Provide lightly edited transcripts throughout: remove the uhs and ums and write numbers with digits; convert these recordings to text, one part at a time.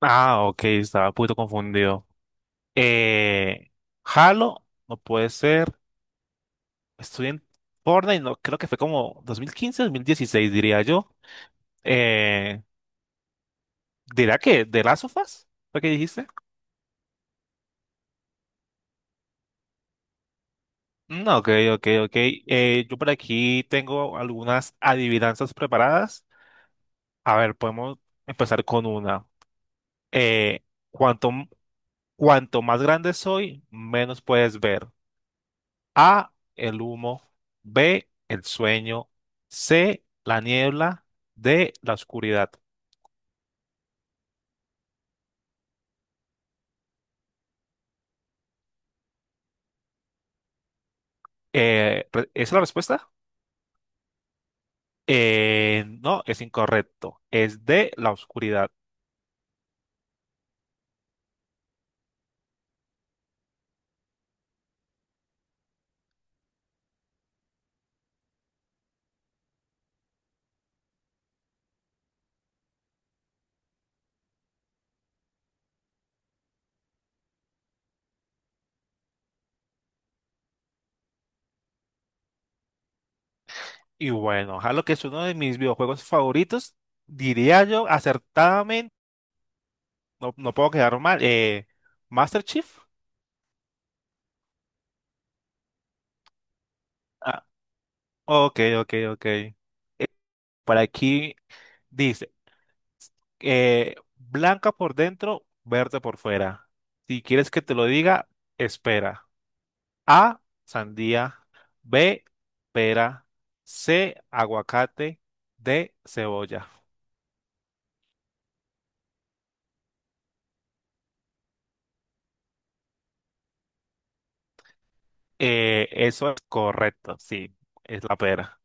Ah, ok, estaba un poquito confundido. Eh, Halo, no puede ser. Estuve en Fortnite, no, creo que fue como dos mil quince, dos mil dieciséis, diría yo. Eh, ¿Dirá que de Last of Us? ¿Fue que dijiste? Ok, ok. Yo por aquí tengo algunas adivinanzas preparadas. A ver, podemos empezar con una. Eh, cuanto, cuanto más grande soy, menos puedes ver. A, el humo, B, el sueño, C, la niebla, D, la oscuridad. ¿Esa ¿es la respuesta? No, es incorrecto. Es D, la oscuridad. Y bueno, Halo, que es uno de mis videojuegos favoritos, diría yo acertadamente, no, no puedo quedar mal. ¿Master Chief? Ah, ok, ok. Por aquí dice. Blanca por dentro, verde por fuera. Si quieres que te lo diga, espera. A, sandía. B, pera. C, aguacate. D, cebolla. Eso es correcto, sí, es la pera.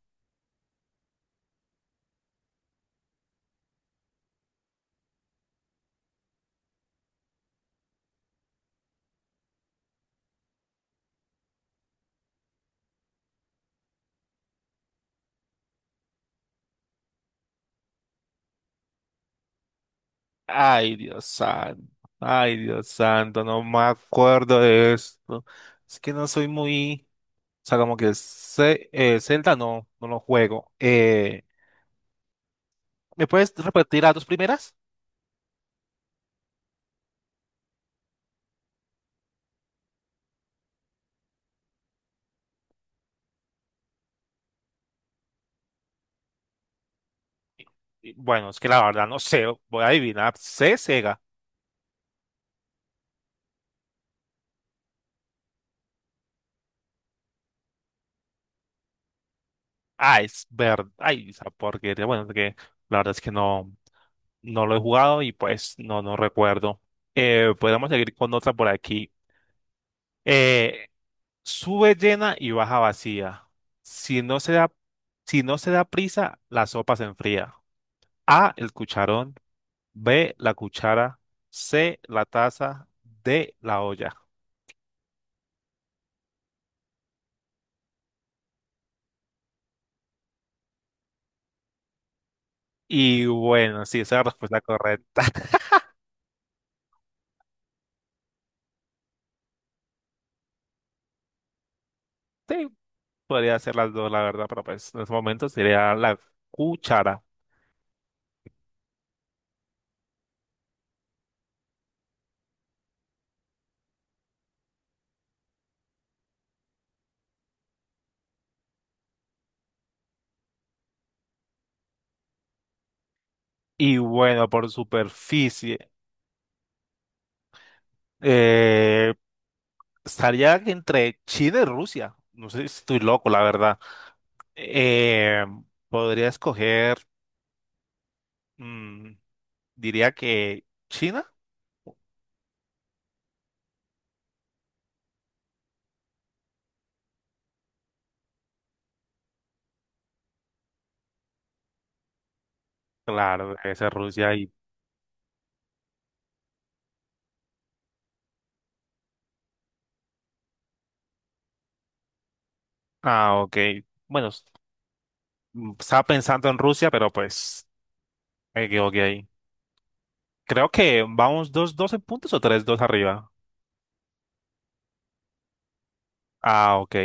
Ay, Dios santo. Ay, Dios santo, no me acuerdo de esto. Es que no soy muy. O sea, como que Zelda no, no lo juego. ¿Me puedes repetir las dos primeras? Y, bueno, es que la verdad no sé, voy a adivinar. C, Sega. Ah, es verdad. Ay, esa porquería. Bueno, es que la verdad es que no, no lo he jugado y pues no, no recuerdo. Podemos seguir con otra por aquí. Eh, sube llena y baja vacía. Si no se da, si no se da prisa, la sopa se enfría. A, el cucharón. B, la cuchara. C, la taza. D, la olla. Y bueno, sí, esa es la respuesta correcta. Podría ser las dos, la verdad, pero pues en este momento sería la cuchara. Y bueno, por superficie, eh, estaría entre China y Rusia. No sé si estoy loco, la verdad. Eh, podría escoger, mm, diría que China. Claro, debe ser Rusia y. Ah, ok. Bueno, s- estaba pensando en Rusia, pero pues me equivoqué ahí. Creo que vamos dos 2 en puntos o tres dos arriba. Ah, ok.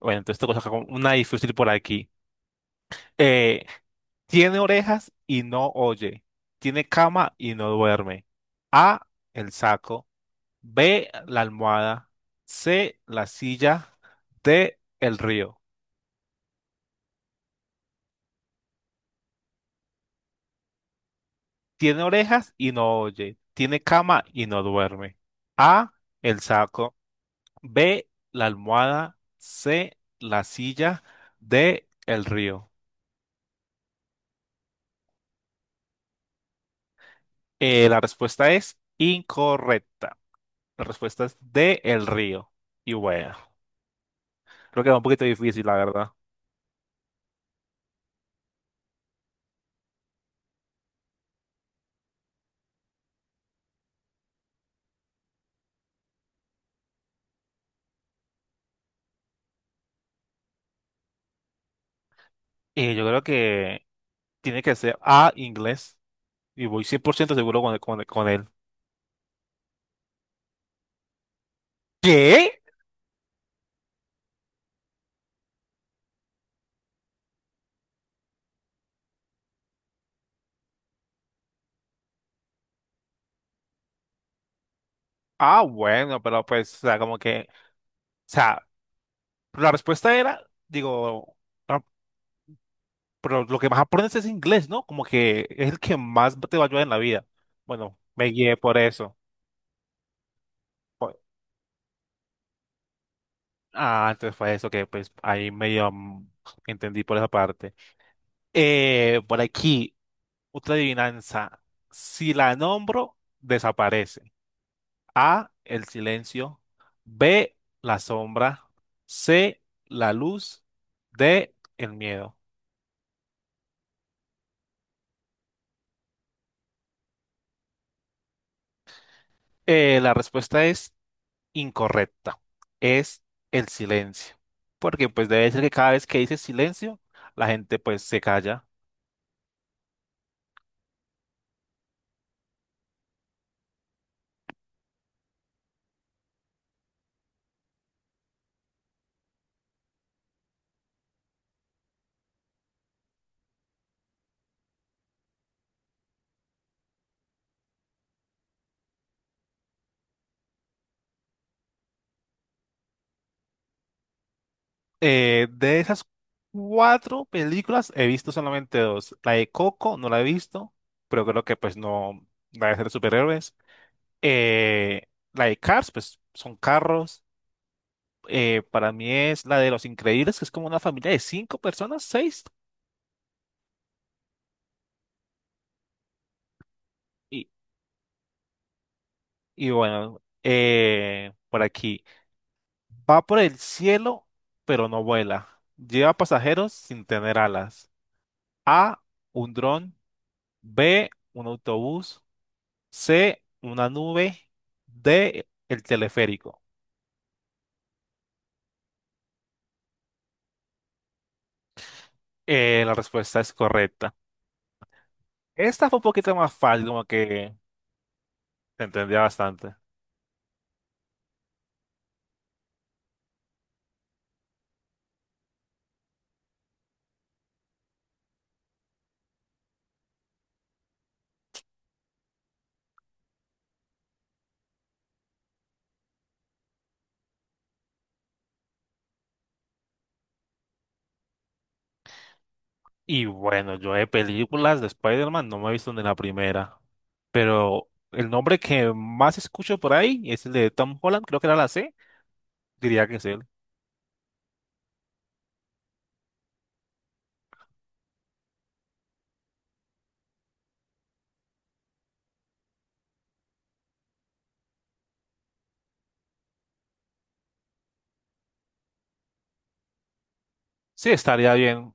Bueno, entonces tengo que sacar una difícil por aquí. Eh, tiene orejas y no oye. Tiene cama y no duerme. A, el saco. B, la almohada. C, la silla. D, el río. Tiene orejas y no oye. Tiene cama y no duerme. A, el saco. B, la almohada. C, la silla. D, el río. La respuesta es incorrecta. La respuesta es de El Río. Y bueno, creo que es un poquito difícil, la verdad. Y yo creo que tiene que ser A, inglés. Y voy 100% seguro con él. ¿Qué? Ah, bueno, pero pues, o sea, como que, o sea, la respuesta era, digo, no, pero lo que más aprendes es inglés, ¿no? Como que es el que más te va a ayudar en la vida. Bueno, me guié por eso. Por. Ah, entonces fue eso que pues ahí medio entendí por esa parte. Por aquí, otra adivinanza. Si la nombro, desaparece. A, el silencio. B, la sombra. C, la luz. D, el miedo. La respuesta es incorrecta. Es el silencio. Porque pues debe ser que cada vez que dices silencio, la gente pues se calla. De esas cuatro películas he visto solamente dos. La de Coco no la he visto, pero creo que pues no la de ser de superhéroes. Eh, la de Cars pues son carros. Para mí es la de Los Increíbles, que es como una familia de cinco personas, seis. Y, y bueno, por aquí. Va por el cielo, pero no vuela. Lleva pasajeros sin tener alas. A, un dron. B, un autobús. C, una nube. D, el teleférico. La respuesta es correcta. Esta fue un poquito más fácil, como que se entendía bastante. Y bueno, yo de películas de Spider-Man no me he visto ni la primera. Pero el nombre que más escucho por ahí es el de Tom Holland, creo que era la C. Diría que es él. Sí, estaría bien.